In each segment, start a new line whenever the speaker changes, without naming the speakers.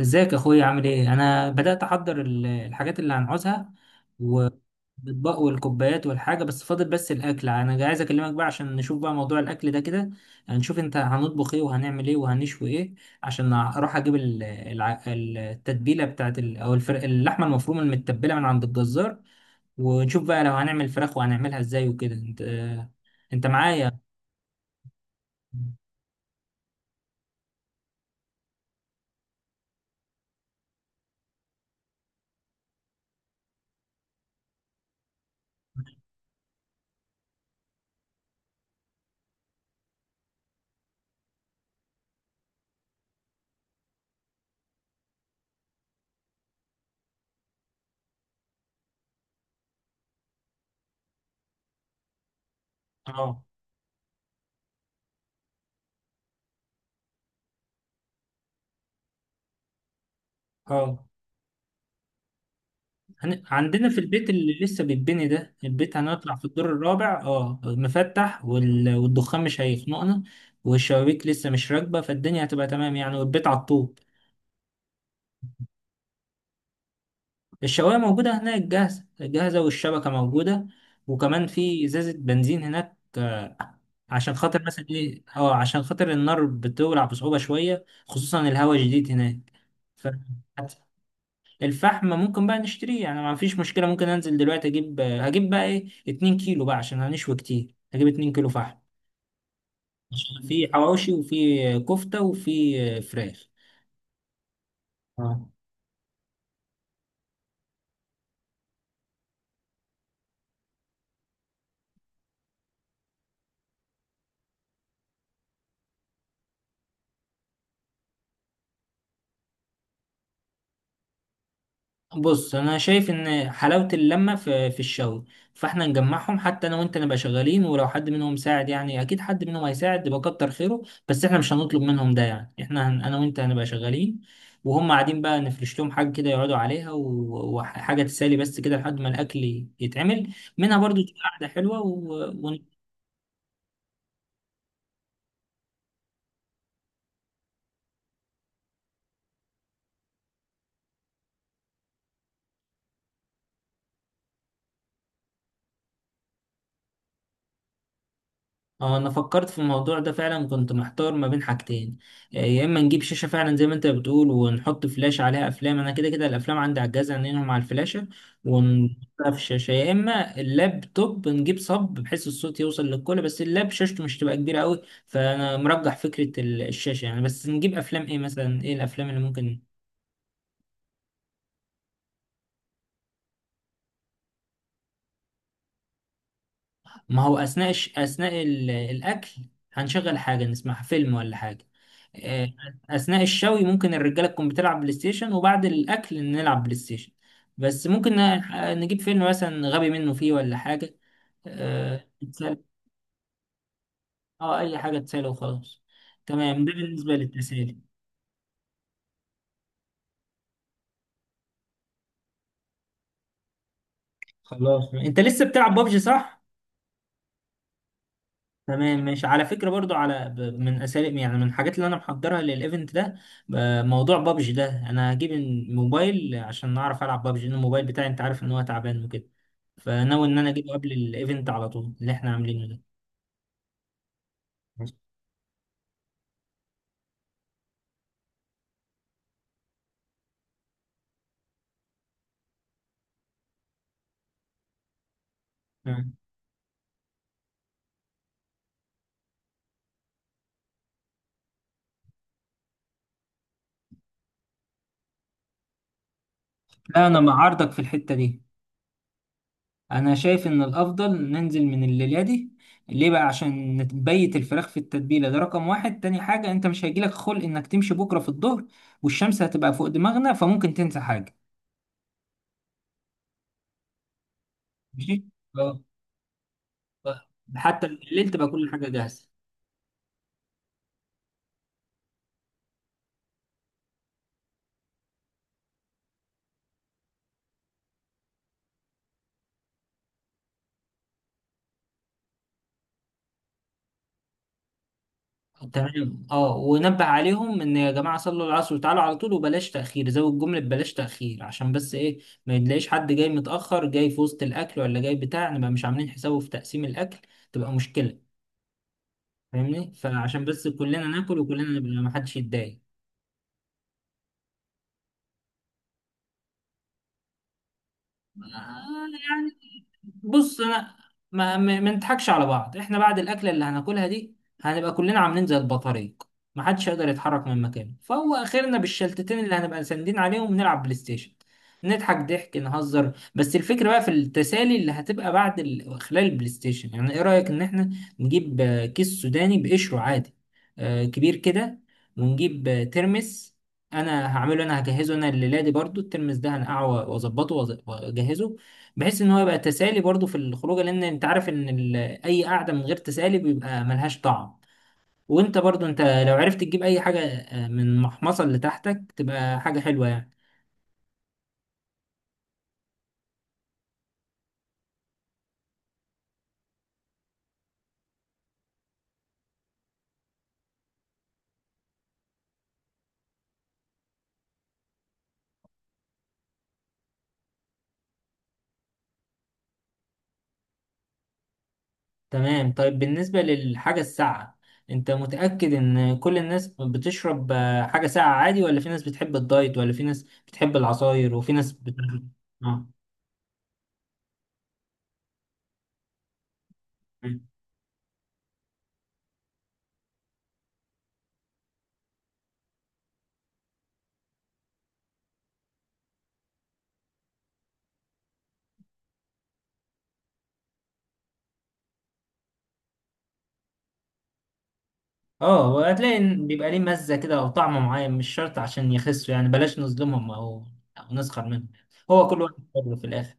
ازيك يا اخويا، عامل ايه؟ انا بدات احضر الحاجات اللي هنعوزها والاطباق والكوبايات والحاجه، بس فاضل بس الاكل. انا عايز اكلمك بقى عشان نشوف بقى موضوع الاكل ده كده. هنشوف انت هنطبخ ايه وهنعمل ايه وهنشوي ايه، عشان اروح اجيب التتبيله بتاعت اللحمه المفرومه المتبله من عند الجزار، ونشوف بقى لو هنعمل فراخ وهنعملها ازاي وكده. انت، انت معايا؟ اه. اه. عندنا في البيت اللي لسه بيتبني ده، البيت هنطلع في الدور الرابع، اه مفتح والدخان مش هيخنقنا، والشبابيك لسه مش راكبة، فالدنيا هتبقى تمام يعني، والبيت على الطوب. الشواية موجودة هناك، جاهزة جاهزة، والشبكة موجودة، وكمان في إزازة بنزين هناك، آه، عشان خاطر مثلا ايه، اه عشان خاطر النار بتولع بصعوبة شوية، خصوصا الهواء شديد هناك. ف... الفحم ممكن بقى نشتريه يعني، ما فيش مشكلة. ممكن انزل دلوقتي اجيب، هجيب بقى ايه، 2 كيلو بقى، عشان هنشوي كتير هجيب 2 كيلو فحم، عشان في حواوشي وفي كفتة وفي فراخ. اه. بص انا شايف ان حلاوه اللمه في في الشغل، فاحنا نجمعهم. حتى انا وانت نبقى شغالين، ولو حد منهم ساعد يعني، اكيد حد منهم هيساعد، يبقى كتر خيره. بس احنا مش هنطلب منهم ده، يعني احنا انا وانت هنبقى شغالين وهم قاعدين. بقى نفرش لهم حاجه كده يقعدوا عليها، وحاجه تسالي بس كده لحد ما الاكل يتعمل، منها برضو تبقى قاعده حلوه اه انا فكرت في الموضوع ده فعلا، كنت محتار ما بين حاجتين. آه، يا اما نجيب شاشه فعلا زي ما انت بتقول، ونحط فلاش عليها افلام، انا كده كده الافلام عندي على الجهاز هنلهم على الفلاشه ونحطها في الشاشه، يا اما اللابتوب نجيب صب بحيث الصوت يوصل للكل، بس اللاب شاشته مش تبقى كبيره قوي، فانا مرجح فكره الشاشه يعني. بس نجيب افلام ايه مثلا، ايه الافلام اللي ممكن؟ ما هو اثناء اثناء الاكل هنشغل حاجه نسمعها، فيلم ولا حاجه. آه، اثناء الشوي ممكن الرجاله تكون بتلعب بلاي ستيشن، وبعد الاكل نلعب بلاي ستيشن. بس ممكن آه، نجيب فيلم مثلا غبي منه فيه ولا حاجه. آه، نتسلى. اه اي حاجه تسلى وخلاص. تمام، ده بالنسبه للتسالي. خلاص، انت لسه بتلعب بابجي، صح؟ تمام، ماشي. على فكرة برضو، على من اساليب يعني، من الحاجات اللي انا محضرها للايفنت ده، ب- موضوع بابجي ده، انا هجيب الموبايل عشان اعرف العب بابجي، لان الموبايل بتاعي انت عارف ان هو تعبان وكده، فناوي ان انا اجيبه قبل الايفنت على طول اللي احنا عاملينه ده. مم. لا انا مع عرضك في الحتة دي. انا شايف ان الافضل ننزل من الليلة دي. ليه بقى؟ عشان نبيت الفراخ في التتبيلة، ده رقم واحد. تاني حاجة، انت مش هيجيلك خلق انك تمشي بكرة في الظهر والشمس هتبقى فوق دماغنا، فممكن تنسى حاجة. ماشي، حتى بالليل تبقى كل حاجة جاهزة. تمام، اه. ونبه عليهم ان يا جماعة صلوا العصر وتعالوا على طول، وبلاش تأخير. زود جملة بلاش تأخير، عشان بس ايه، ما يتلاقيش حد جاي متأخر، جاي في وسط الأكل، ولا جاي بتاع نبقى مش عاملين حسابه في تقسيم الأكل، تبقى مشكلة. فاهمني؟ فعشان بس كلنا ناكل وكلنا نبقى ما حدش يتضايق. آه، يعني بص انا، ما نضحكش على بعض. احنا بعد الاكله اللي هناكلها دي هنبقى كلنا عاملين زي البطاريق، ما حدش يقدر يتحرك من مكانه، فهو اخرنا بالشلتتين اللي هنبقى ساندين عليهم نلعب بلاي ستيشن، نضحك ضحك، نهزر. بس الفكره بقى في التسالي اللي هتبقى خلال البلاي ستيشن. يعني ايه رايك ان احنا نجيب آه، كيس سوداني بقشره عادي، آه، كبير كده، ونجيب آه، ترمس. انا هعمله، انا هجهزه انا لليلادي برضو. الترمس ده هنقعه واظبطه واجهزه، بحيث ان هو يبقى تسالي برضو في الخروجه. لان انت عارف ان اي قعده من غير تسالي بيبقى ملهاش طعم. وانت برضو، انت لو عرفت تجيب اي حاجه آه، من المحمصه اللي تحتك، تبقى حاجه حلوه يعني. تمام. طيب بالنسبه للحاجه الساقعه، انت متاكد ان كل الناس بتشرب آه، حاجه ساقعه عادي، ولا في ناس بتحب الدايت، ولا في ناس بتحب العصاير، وفي ناس اه. اه وهتلاقي إن بيبقى ليه مزة كده او طعم معين، مش شرط عشان يخسوا يعني. بلاش نظلمهم او او نسخر منهم، هو كل واحد حر في الاخر.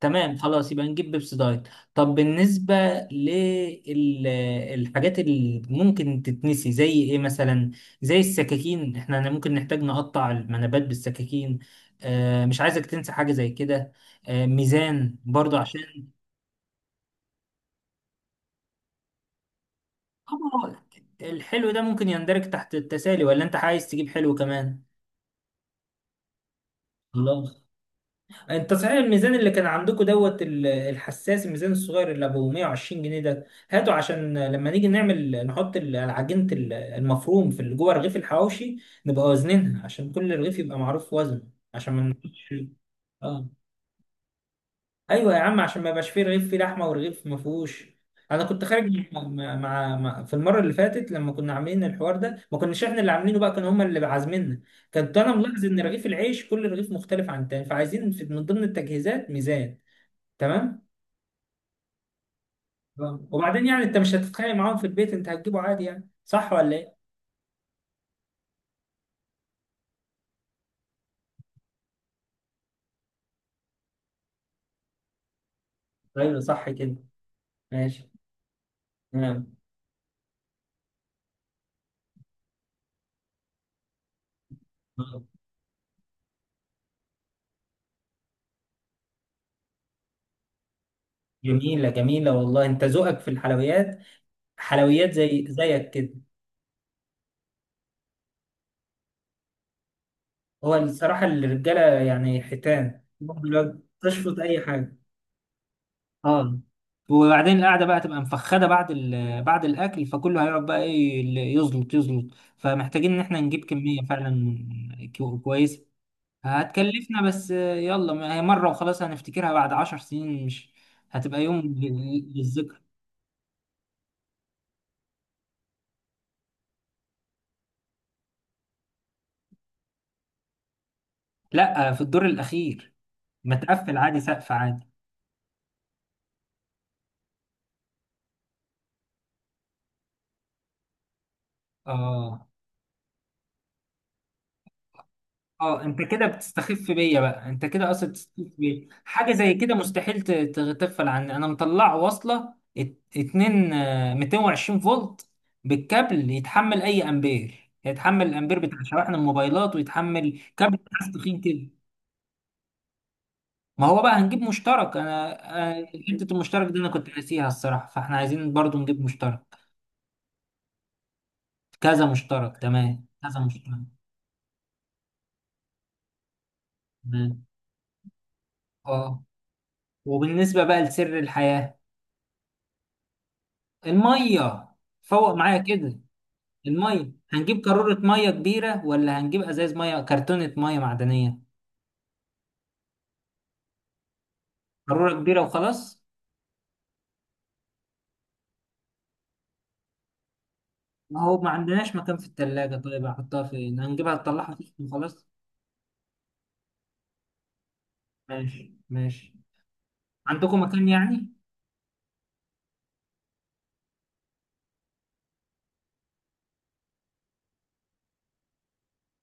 تمام، خلاص يبقى نجيب بيبسي دايت. طب بالنسبة للحاجات اللي ممكن تتنسي زي ايه مثلا، زي السكاكين. احنا ممكن نحتاج نقطع المنابات بالسكاكين. آه مش عايزك تنسى حاجة زي كده. آه ميزان برضو عشان آه، الحلو ده ممكن يندرج تحت التسالي، ولا انت عايز تجيب حلو كمان؟ خلاص. انت صحيح، الميزان اللي كان عندكم دوت الحساس، الميزان الصغير اللي ابو 120 جنيه ده، هاته عشان لما نيجي نعمل، نحط العجينة المفروم في جوه رغيف الحواوشي، نبقى وزنينها عشان كل رغيف يبقى معروف وزنه، عشان ما نحطش. اه ايوه يا عم، عشان ما يبقاش فيه رغيف فيه لحمه ورغيف ما فيهوش. انا كنت خارج مع في المره اللي فاتت، لما كنا عاملين الحوار ده، ما كناش احنا اللي عاملينه بقى، كانوا هم اللي عازميننا. كنت انا ملاحظ ان رغيف العيش كل رغيف مختلف عن التاني، فعايزين في من ضمن التجهيزات ميزان. تمام. آه، وبعدين يعني انت مش هتتخانق معاهم في البيت؟ انت هتجيبه عادي يعني، صح ولا ايه؟ ايوه صح كده، ماشي. تمام. آه. جميلة جميلة والله، انت ذوقك في الحلويات، حلويات زي زيك كده. هو الصراحة الرجالة يعني حيتان برضه، لو تشفط اي حاجة. اه، وبعدين القعدة بقى تبقى مفخدة بعد بعد الأكل، فكله هيقعد بقى إيه، اللي يزلط يزلط. فمحتاجين إن إحنا نجيب كمية فعلا كويسة. هتكلفنا، بس يلا، ما هي مرة وخلاص، هنفتكرها بعد 10 سنين. مش هتبقى يوم للذكر. لا، في الدور الأخير، متقفل عادي، سقف عادي. اه. اه انت كده بتستخف بيا بقى، انت كده اصلا بتستخف بيا. حاجة زي كده مستحيل تغفل عني. انا مطلع واصلة اتنين، آه، 220 فولت بالكابل، يتحمل اي امبير، يتحمل الامبير بتاع شواحن الموبايلات، ويتحمل كابل بتاع تخين كده. ما هو بقى هنجيب مشترك. حته المشترك دي انا كنت ناسيها الصراحه، فاحنا عايزين برضو نجيب مشترك. كذا مشترك، تمام، كذا مشترك. تمام، اه. وبالنسبه بقى لسر الحياه، الميه، فوق معايا كده. الميه هنجيب قاروره ميه كبيره، ولا هنجيب ازاز ميه، كرتونه ميه معدنيه؟ قاروره كبيره وخلاص. ما هو ما عندناش مكان في الثلاجه، طيب احطها فين، هنجيبها نطلعها فين وخلاص. ماشي ماشي. عندكم مكان يعني.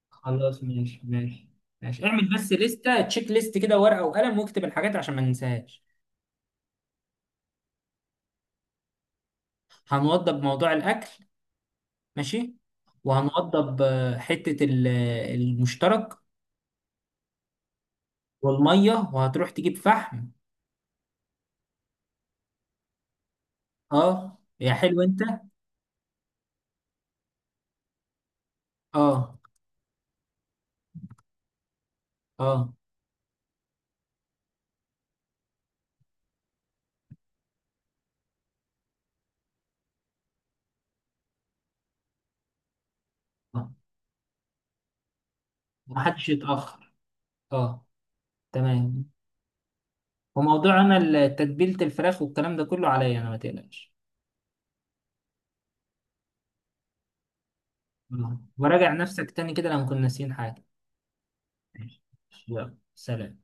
خلاص ماشي ماشي. ماشي، اعمل بس لستة، تشيك ليست كده، ورقة وقلم، واكتب الحاجات عشان ما ننساهاش. هنوضب موضوع الأكل، ماشي، وهنوضب آه، حتة آه، المشترك والمية، وهتروح تجيب فحم. اه يا حلو انت. اه. اه. آه. محدش يتأخر. اه. تمام. وموضوع انا تتبيلة الفراخ والكلام ده كله عليا انا، ما تقلقش. آه. وراجع نفسك تاني كده لو كنا ناسيين حاجة. ماشي. يلا، سلام.